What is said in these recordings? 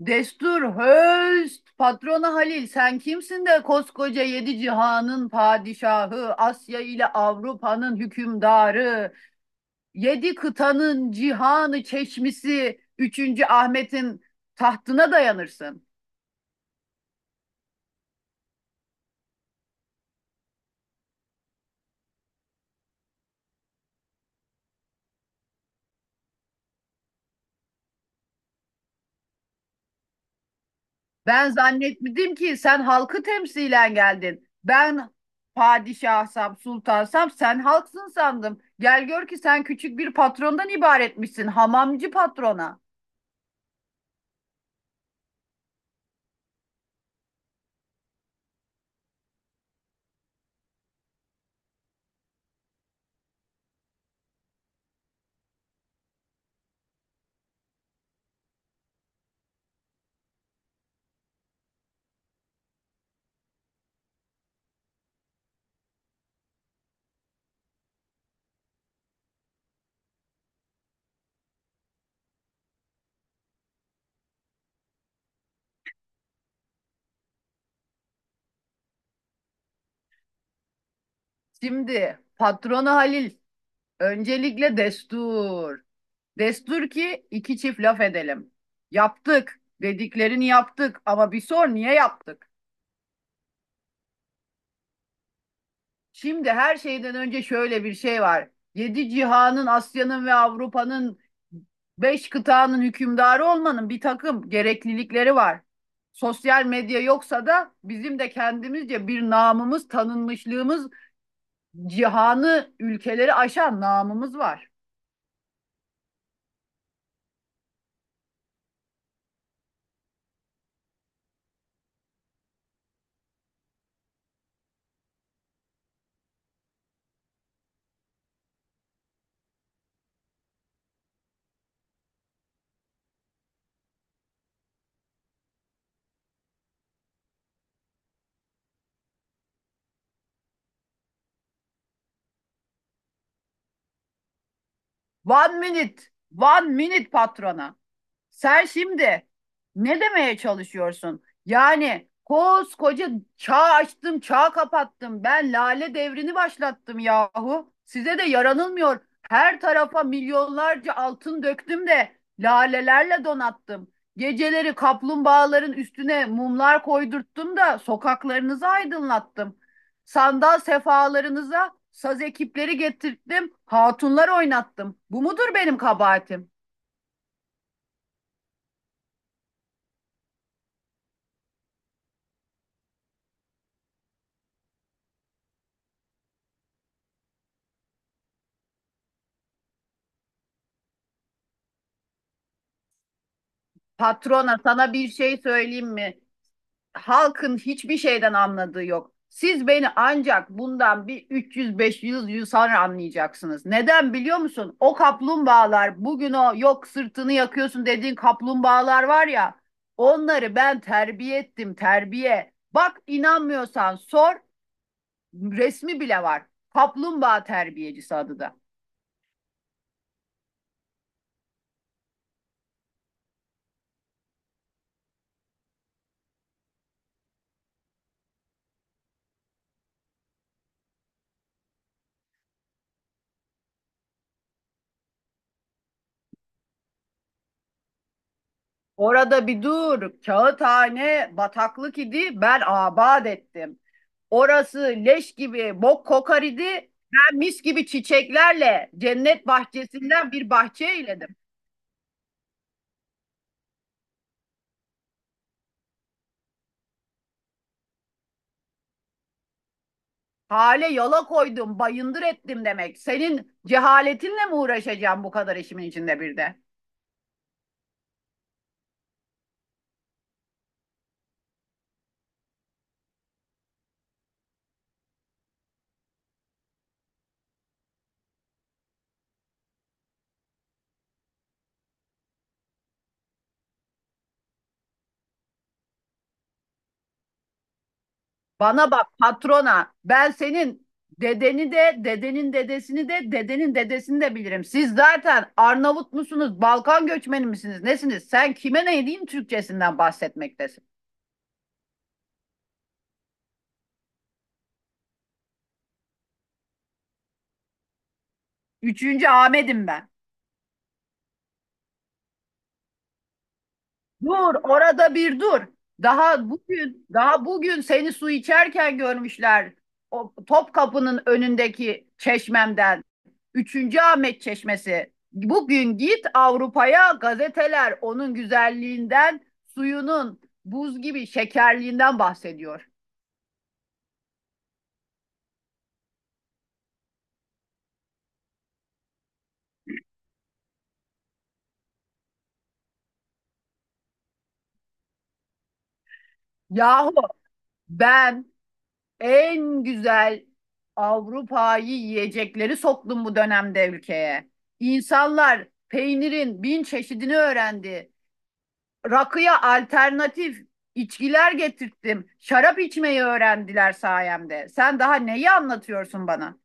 Destur höst, patrona Halil, sen kimsin de koskoca yedi cihanın padişahı, Asya ile Avrupa'nın hükümdarı, yedi kıtanın cihanı çeşmisi, üçüncü Ahmet'in tahtına dayanırsın. Ben zannetmedim ki sen halkı temsilen geldin. Ben padişahsam, sultansam sen halksın sandım. Gel gör ki sen küçük bir patrondan ibaretmişsin, hamamcı patrona. Şimdi patrona Halil, öncelikle destur. Destur ki iki çift laf edelim. Yaptık. Dediklerini yaptık ama bir sor niye yaptık? Şimdi her şeyden önce şöyle bir şey var. Yedi cihanın, Asya'nın ve Avrupa'nın, beş kıtanın hükümdarı olmanın bir takım gereklilikleri var. Sosyal medya yoksa da bizim de kendimizce bir namımız, tanınmışlığımız, cihanı, ülkeleri aşan namımız var. One minute, one minute patrona. Sen şimdi ne demeye çalışıyorsun? Yani koskoca çağ açtım, çağ kapattım. Ben lale devrini başlattım yahu. Size de yaranılmıyor. Her tarafa milyonlarca altın döktüm de lalelerle donattım. Geceleri kaplumbağaların üstüne mumlar koydurttum da sokaklarınızı aydınlattım. Sandal sefalarınıza saz ekipleri getirttim, hatunlar oynattım. Bu mudur benim kabahatim? Patrona sana bir şey söyleyeyim mi? Halkın hiçbir şeyden anladığı yok. Siz beni ancak bundan bir 300-500 yıl sonra anlayacaksınız. Neden biliyor musun? O kaplumbağalar bugün o yok sırtını yakıyorsun dediğin kaplumbağalar var ya onları ben terbiye ettim terbiye. Bak, inanmıyorsan sor, resmi bile var. Kaplumbağa terbiyecisi adı da. Orada bir dur. Kağıthane bataklık idi. Ben abad ettim. Orası leş gibi bok kokar idi. Ben mis gibi çiçeklerle cennet bahçesinden bir bahçe eyledim. Hale yola koydum, bayındır ettim demek. Senin cehaletinle mi uğraşacağım bu kadar işimin içinde bir de? Bana bak patrona. Ben senin dedeni de, dedenin dedesini de, dedenin dedesini de bilirim. Siz zaten Arnavut musunuz, Balkan göçmeni misiniz, nesiniz? Sen kime ne diyeyim Türkçesinden bahsetmektesin. Üçüncü Ahmet'im ben. Dur, orada bir dur. Daha bugün, daha bugün seni su içerken görmüşler. O Topkapı'nın önündeki çeşmemden. Üçüncü Ahmet Çeşmesi. Bugün git Avrupa'ya, gazeteler onun güzelliğinden, suyunun buz gibi şekerliğinden bahsediyor. Yahu ben en güzel Avrupa'yı yiyecekleri soktum bu dönemde ülkeye. İnsanlar peynirin bin çeşidini öğrendi. Rakıya alternatif içkiler getirttim. Şarap içmeyi öğrendiler sayemde. Sen daha neyi anlatıyorsun bana?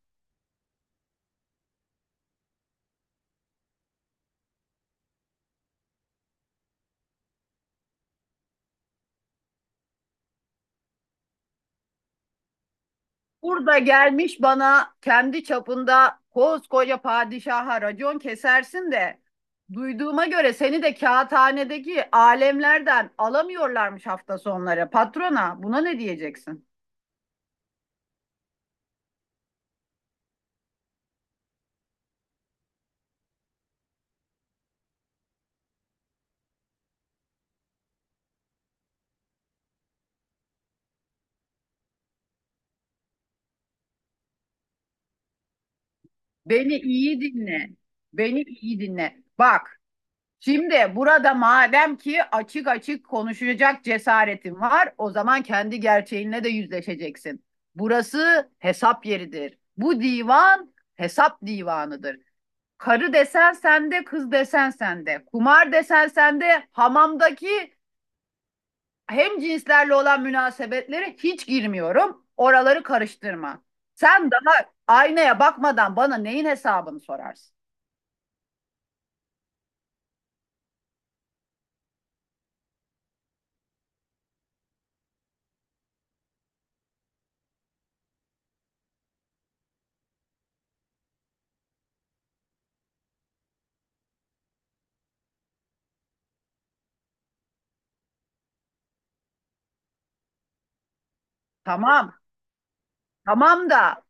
Burada gelmiş bana kendi çapında koskoca padişaha racon kesersin de duyduğuma göre seni de kağıthanedeki alemlerden alamıyorlarmış hafta sonları. Patrona buna ne diyeceksin? Beni iyi dinle. Beni iyi dinle. Bak, şimdi burada madem ki açık açık konuşacak cesaretin var, o zaman kendi gerçeğinle de yüzleşeceksin. Burası hesap yeridir. Bu divan hesap divanıdır. Karı desen sende, kız desen sende. Kumar desen sende, hamamdaki hem cinslerle olan münasebetlere hiç girmiyorum. Oraları karıştırma. Sen daha aynaya bakmadan bana neyin hesabını sorarsın? Tamam, tamam da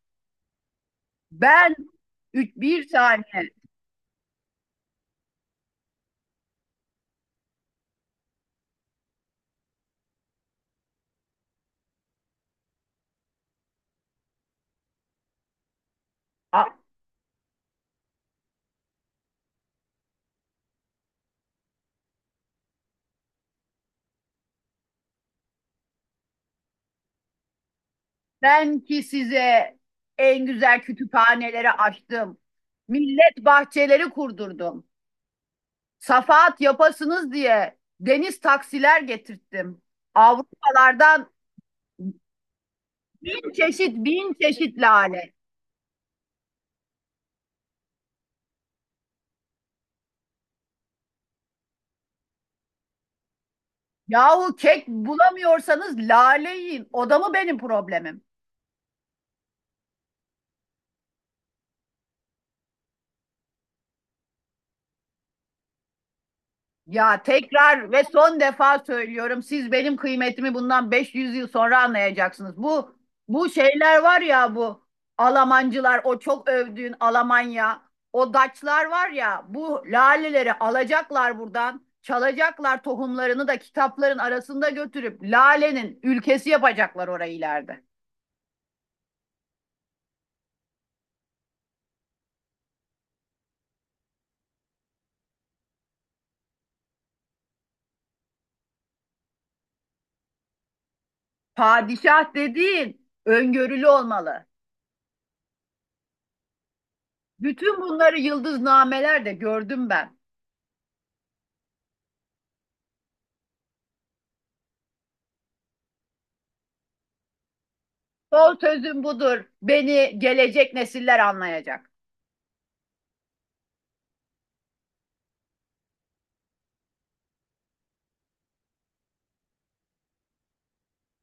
Ben bir saniye. A- Ben ki size en güzel kütüphaneleri açtım. Millet bahçeleri kurdurdum. Safahat yapasınız diye deniz taksiler getirttim. Avrupalardan bin çeşit bin çeşit lale. Yahu kek bulamıyorsanız lale yiyin. O da mı benim problemim? Ya tekrar ve son defa söylüyorum. Siz benim kıymetimi bundan 500 yıl sonra anlayacaksınız. Bu şeyler var ya, bu Almancılar, o çok övdüğün Almanya, o Daçlar var ya bu laleleri alacaklar buradan, çalacaklar tohumlarını da kitapların arasında götürüp lalenin ülkesi yapacaklar orayı ileride. Padişah dediğin öngörülü olmalı. Bütün bunları yıldıznamelerde gördüm ben. Son sözüm budur. Beni gelecek nesiller anlayacak.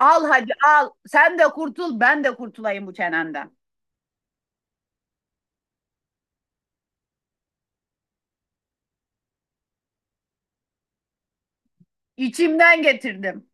Al hadi al. Sen de kurtul, ben de kurtulayım bu çenenden. İçimden getirdim.